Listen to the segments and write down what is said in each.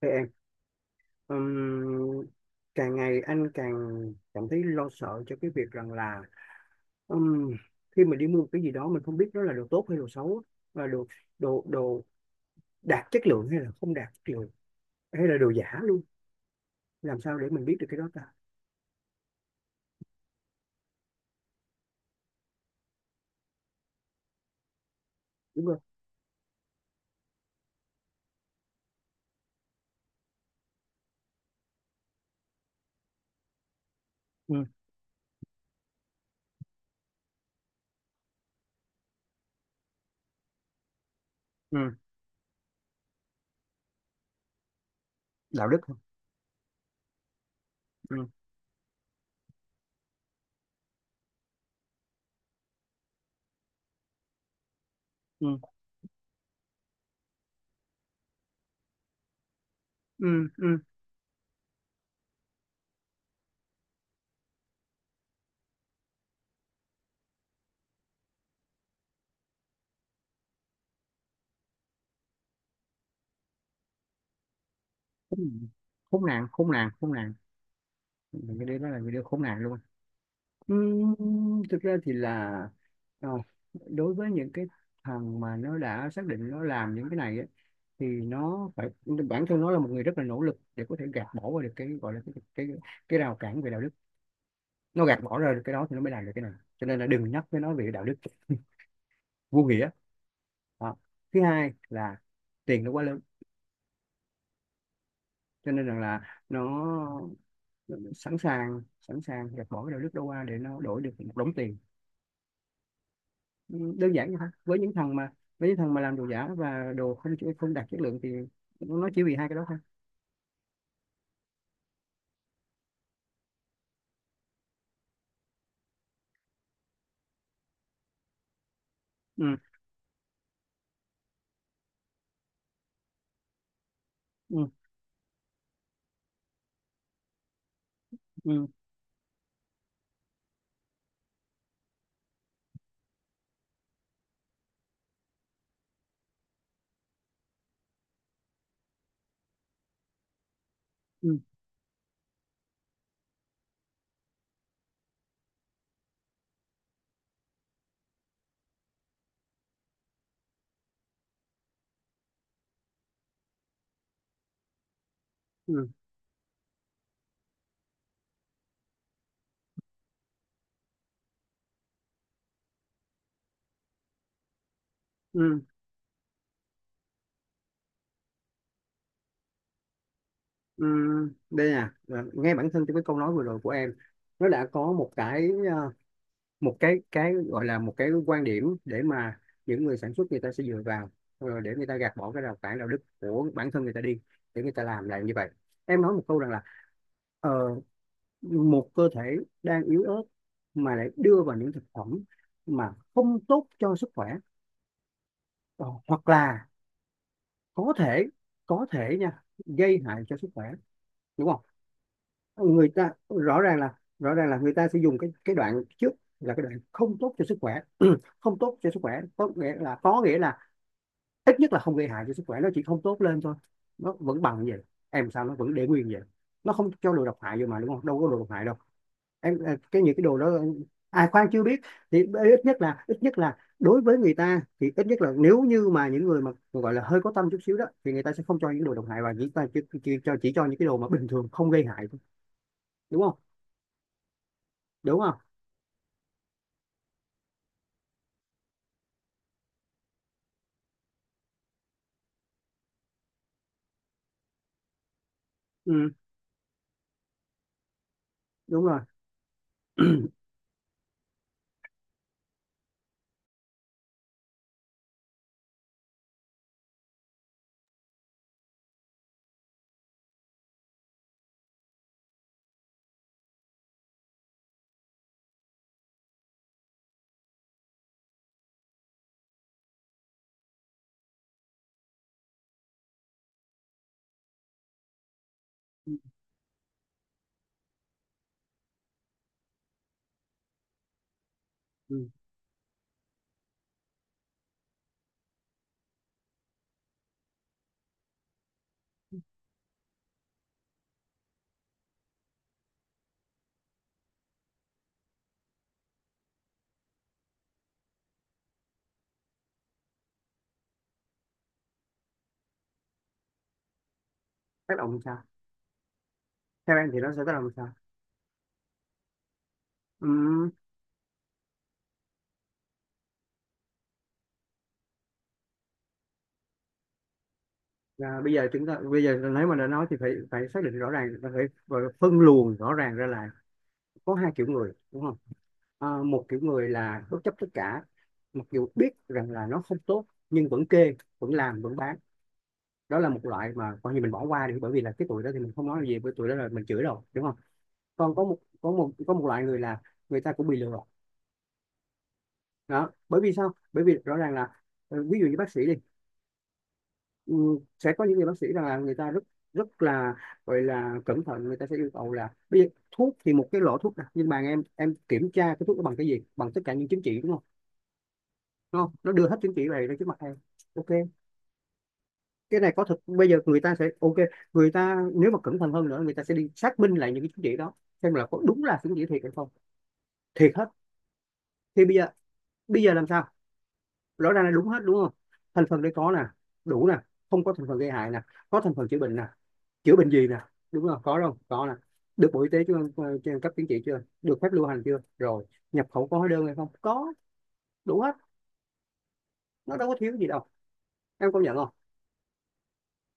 Thưa em, ừm, càng ngày anh càng cảm thấy lo sợ cho cái việc rằng là ừm, khi mình đi mua một cái gì đó mình không biết nó là đồ tốt hay đồ xấu và đồ đồ đồ đạt chất lượng hay là không đạt chất lượng hay là đồ giả luôn. Làm sao để mình biết được cái đó ta? Đúng không? Ừ, ừ. Đạo đức không. Ừ, ừ, ừ, ừ. Khốn nạn, khốn nạn, khốn nạn. Mình cái đấy đó là video khốn nạn luôn á. Ừm, Thực ra thì là ờ, đối với những cái thằng mà nó đã xác định nó làm những cái này ấy, thì nó phải, bản thân nó là một người rất là nỗ lực để có thể gạt bỏ qua được cái gọi là cái rào cản về đạo đức. Nó gạt bỏ ra được cái đó thì nó mới làm được cái này, cho nên là đừng nhắc với nó về đạo đức. Vô nghĩa. Đó. Thứ hai là tiền nó quá lớn, cho nên rằng là nó sẵn sàng, sẵn sàng gạt bỏ cái đạo đức đó qua để nó đổi được một đống tiền. Ừ, đơn giản vậy thôi với những thằng mà làm đồ giả và đồ không không đạt chất lượng thì nó chỉ vì hai cái đó thôi. Ừ, ừ, ừ, ừ, ừ, ừ, ừ. Đây nè, là ngay bản thân trong cái câu nói vừa rồi của em nó đã có một cái một cái gọi là một cái quan điểm để mà những người sản xuất người ta sẽ dựa vào, để người ta gạt bỏ cái rào cản đạo đức của bản thân người ta đi, để người ta làm lại như vậy. Em nói một câu rằng là, ờ, một cơ thể đang yếu ớt mà lại đưa vào những thực phẩm mà không tốt cho sức khỏe. Ờ, hoặc là có thể có thể nha, gây hại cho sức khỏe, đúng không? Người ta rõ ràng là người ta sẽ dùng cái đoạn trước, là cái đoạn không tốt cho sức khỏe. Không tốt cho sức khỏe có nghĩa là ít nhất là không gây hại cho sức khỏe, nó chỉ không tốt lên thôi. Nó vẫn bằng vậy, em sao nó vẫn để nguyên vậy. Nó không cho đồ độc hại vô mà, đúng không, đâu có đồ độc hại đâu. Em cái những cái đồ đó. Ai, khoan, chưa biết. Thì ít nhất là đối với người ta thì ít nhất là nếu như mà những người mà gọi là hơi có tâm chút xíu đó, thì người ta sẽ không cho những đồ độc hại và người ta chỉ cho những cái đồ mà bình thường không gây hại thôi, đúng không? Đúng không? Ừ, đúng rồi. Ừ. Ừ. Tác động làm sao? Theo em thì nó sẽ tác động làm sao? Ừ. À, bây giờ chúng ta, bây giờ nếu mà đã nói thì phải phải xác định rõ ràng và phân luồng rõ ràng ra là có hai kiểu người, đúng không? À, một kiểu người là bất chấp tất cả, mặc dù biết rằng là nó không tốt nhưng vẫn kê, vẫn làm, vẫn bán. Đó là một loại mà coi như mình bỏ qua đi, bởi vì là cái tuổi đó thì mình không nói gì, bởi tuổi đó là mình chửi rồi, đúng không? Còn có một loại người là người ta cũng bị lừa. Đó, bởi vì sao? Bởi vì rõ ràng là, ví dụ như bác sĩ đi. Ừ, sẽ có những người bác sĩ rằng là người ta rất, rất là, gọi là, cẩn thận, người ta sẽ yêu cầu là bây giờ thuốc thì một cái lọ thuốc nè, nhưng mà em kiểm tra cái thuốc đó bằng cái gì, bằng tất cả những chứng chỉ, đúng không? Đúng không? Nó đưa hết chứng chỉ về ra trước mặt em. OK, cái này có thật. Bây giờ người ta sẽ OK, người ta nếu mà cẩn thận hơn nữa người ta sẽ đi xác minh lại những cái chứng chỉ đó, xem là có đúng là chứng chỉ thiệt hay không. Thiệt hết. Thì bây giờ làm sao? Rõ ràng là đúng hết, đúng không? Thành phần đây có nè, đủ nè, không có thành phần gây hại nè, có thành phần chữa bệnh nè, chữa bệnh gì nè, đúng không, có không, có nè. Được bộ y tế chưa? Ờ, Chưa, cấp chứng chỉ chưa, được phép lưu hành chưa, rồi. Nhập khẩu có hóa đơn hay không, có. Đủ hết, nó đâu có thiếu gì đâu, em công nhận không?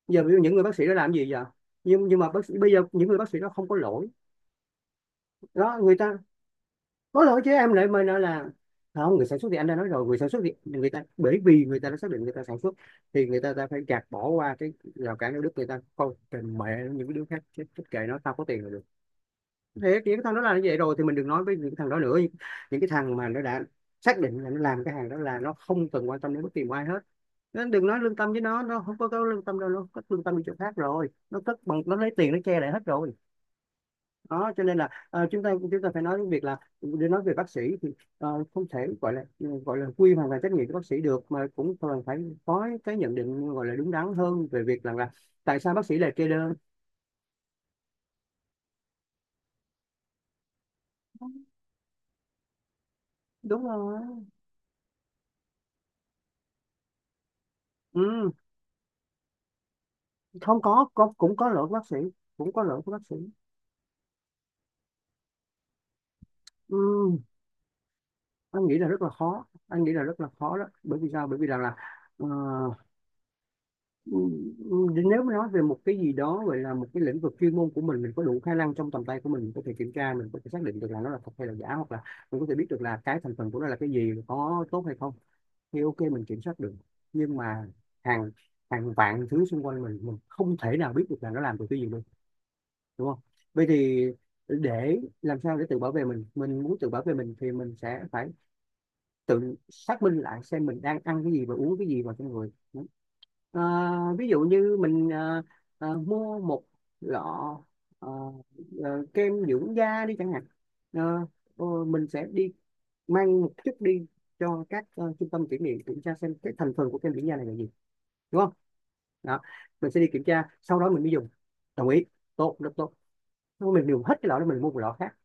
Giờ ví dụ những người bác sĩ đó làm gì vậy? Nhưng mà bác sĩ, bây giờ những người bác sĩ đó không có lỗi, đó người ta có lỗi chứ em lại mời nó là không. Người sản xuất thì anh đã nói rồi, người sản xuất thì người ta, bởi vì người ta đã xác định người ta sản xuất, thì ta phải gạt bỏ qua cái rào cản đạo đức, người ta coi kệ mẹ những cái đứa khác chết, chết kệ nó, tao có tiền là được. Thế thì cái thằng đó làm như vậy rồi thì mình đừng nói với những cái thằng đó nữa, những cái thằng mà nó đã xác định là nó làm cái hàng đó là nó không cần quan tâm đến bất kỳ một ai hết. Nên đừng nói lương tâm với nó không có lương tâm đâu, nó cất lương tâm đi chỗ khác rồi, nó cất bằng nó lấy tiền nó che lại hết rồi. Đó, cho nên là, chúng ta phải nói đến việc là, để nói về bác sĩ thì không thể gọi là, gọi là quy hoàn toàn trách nhiệm của bác sĩ được, mà cũng cần phải có cái nhận định gọi là đúng đắn hơn về việc rằng là tại sao bác sĩ lại kê đơn. Đúng rồi. Ừ. Không, có cũng có lỗi của bác sĩ, cũng có lỗi của bác sĩ. Ừm, anh nghĩ là rất là khó, anh nghĩ là rất là khó, đó bởi vì sao, bởi vì rằng là ờ, nếu mà nói về một cái gì đó gọi là một cái lĩnh vực chuyên môn của mình có đủ khả năng trong tầm tay của mình có thể kiểm tra, mình có thể xác định được là nó là thật hay là giả, hoặc là mình có thể biết được là cái thành phần của nó là cái gì, có tốt hay không, thì OK, mình kiểm soát được. Nhưng mà hàng hàng vạn thứ xung quanh mình không thể nào biết được là nó làm từ cái gì, đúng không? Vậy thì để làm sao để tự bảo vệ mình muốn tự bảo vệ mình thì mình sẽ phải tự xác minh lại xem mình đang ăn cái gì và uống cái gì vào trong người. Ờ, ví dụ như mình mua một lọ ờ, kem dưỡng da đi chẳng hạn. Ờ, mình sẽ đi mang một chút đi cho các trung tâm kiểm nghiệm kiểm tra xem cái thành phần của kem dưỡng da này là gì, đúng không? Đó, mình sẽ đi kiểm tra sau đó mình mới dùng. Đồng ý. Tốt, rất tốt. Nếu mình dùng hết cái lọ đó mình mua một lọ khác,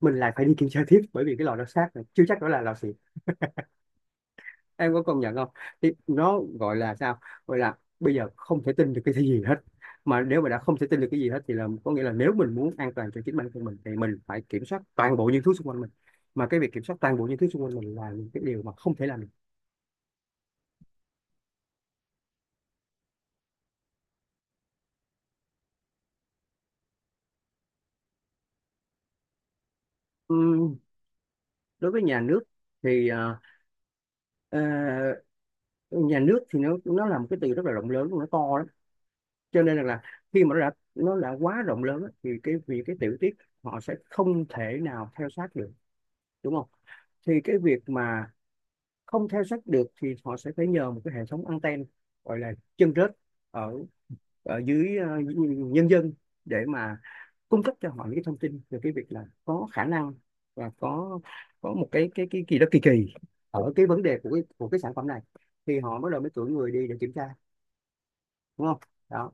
mình lại phải đi kiểm tra tiếp, bởi vì cái lọ đó xác rồi, chưa chắc đó là lọ xịn, em có công nhận không? Thì nó gọi là sao, gọi là bây giờ không thể tin được cái gì hết, mà nếu mà đã không thể tin được cái gì hết thì là có nghĩa là nếu mình muốn an toàn cho chính bản thân mình thì mình phải kiểm soát toàn bộ những thứ xung quanh mình, mà cái việc kiểm soát toàn bộ những thứ xung quanh mình là những cái điều mà không thể làm được. Ừm, Đối với nhà nước thì ờ, nhà nước thì nó là một cái từ rất là rộng lớn, nó to lắm. Cho nên rằng là khi mà nó đã quá rộng lớn á, thì cái, vì cái tiểu tiết họ sẽ không thể nào theo sát được, đúng không? Thì cái việc mà không theo sát được thì họ sẽ phải nhờ một cái hệ thống anten, gọi là chân rết, ở ở dưới nhân dân, để mà cung cấp cho họ những cái thông tin về cái việc Là có khả năng và có một cái gì đó kỳ kỳ ở cái vấn đề của cái sản phẩm này, thì họ bắt đầu mới cử người đi để kiểm tra, đúng không? Đó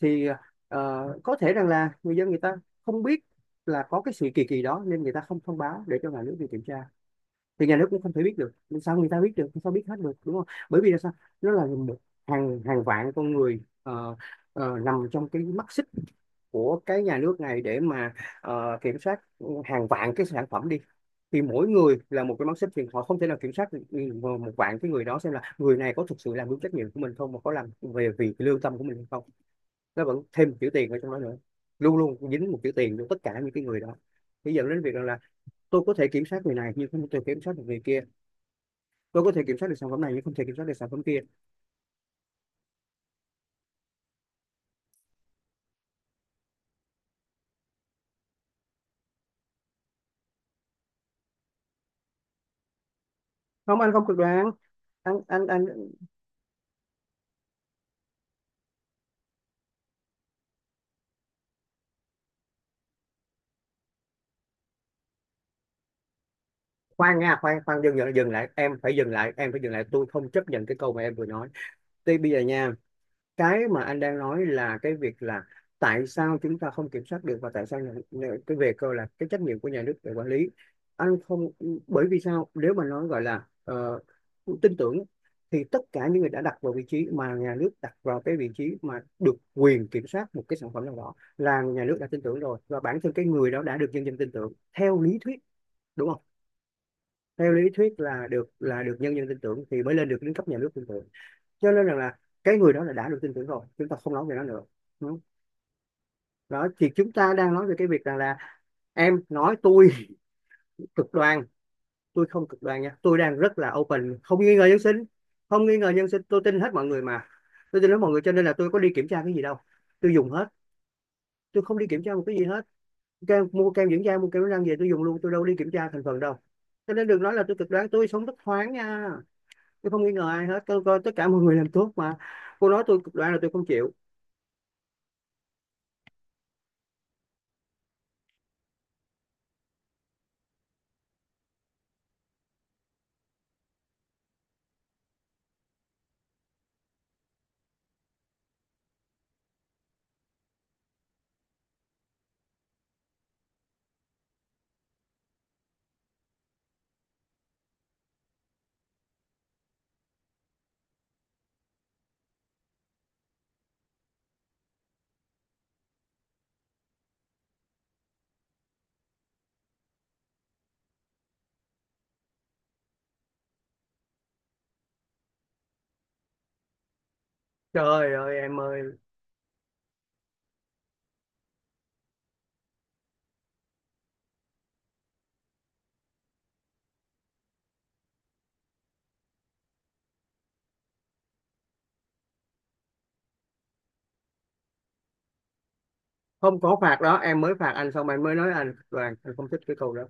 thì ờ, có thể rằng là người dân người ta không biết là có cái sự kỳ kỳ đó nên người ta không thông báo để cho nhà nước đi kiểm tra, thì nhà nước cũng không thể biết được. Làm sao người ta biết được? Làm sao biết hết được, đúng không? Bởi vì là sao, nó là một hàng hàng vạn con người nằm trong cái mắt xích của cái nhà nước này để mà kiểm soát hàng vạn cái sản phẩm đi, thì mỗi người là một cái mắt xích, thì họ không thể nào kiểm soát được một vạn cái người đó, xem là người này có thực sự làm đúng trách nhiệm của mình không, mà có làm về vì cái lương tâm của mình hay không. Nó vẫn thêm một chữ tiền ở trong đó nữa, luôn luôn dính một chữ tiền cho tất cả những cái người đó. Bây giờ đến việc rằng là tôi có thể kiểm soát người này nhưng không thể kiểm soát được người kia, tôi có thể kiểm soát được sản phẩm này nhưng không thể kiểm soát được sản phẩm kia. Không, anh không cực đoan. Anh. Khoan nha, khoan khoan, dừng dừng dừng lại, em phải dừng lại, em phải dừng lại, tôi không chấp nhận cái câu mà em vừa nói. Thì bây giờ nha, cái mà anh đang nói là cái việc là tại sao chúng ta không kiểm soát được, và tại sao nhà, nhà, cái về cơ là cái trách nhiệm của nhà nước để quản lý. Anh không, bởi vì sao, nếu mà nói gọi là tin tưởng, thì tất cả những người đã đặt vào vị trí mà nhà nước đặt vào cái vị trí mà được quyền kiểm soát một cái sản phẩm nào đó là nhà nước đã tin tưởng rồi, và bản thân cái người đó đã được nhân dân tin tưởng theo lý thuyết, đúng không? Theo lý thuyết là được nhân dân tin tưởng thì mới lên được đến cấp nhà nước tin tưởng, cho nên rằng là cái người đó là đã được tin tưởng rồi, chúng ta không nói về nó nữa. Đúng. Đó thì chúng ta đang nói về cái việc rằng là em nói tôi cực đoan. Tôi không cực đoan nha, tôi đang rất là open, không nghi ngờ nhân sinh, không nghi ngờ nhân sinh, tôi tin hết mọi người mà. Tôi tin hết mọi người cho nên là tôi có đi kiểm tra cái gì đâu, tôi dùng hết, tôi không đi kiểm tra một cái gì hết. Kem, mua kem dưỡng da, mua kem đánh răng về tôi dùng luôn, tôi đâu đi kiểm tra thành phần đâu. Cho nên đừng nói là tôi cực đoan, tôi sống rất thoáng nha, tôi không nghi ngờ ai hết, tôi coi tất cả mọi người làm tốt mà. Cô nói tôi cực đoan là tôi không chịu. Trời ơi em ơi, không có phạt đó. Em mới phạt anh xong, anh mới nói anh Đoàn anh không thích cái câu đó.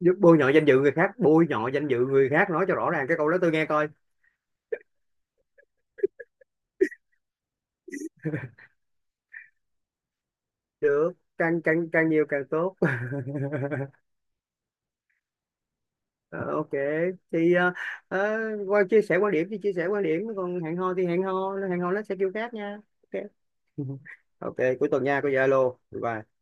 Giúp. Bôi nhọ danh dự người khác, bôi nhọ danh dự người khác, nói cho rõ ràng cái câu đó tôi nghe coi. Được. Càng càng càng nhiều càng tốt. Ờ, ok. Thì ờ, qua chia sẻ quan điểm thì chia sẻ quan điểm, còn hẹn hò thì hẹn hò. Hẹn hò nó sẽ kêu khác nha. Ok. Ok, cuối tuần nha cô. Zalo. Bye bye.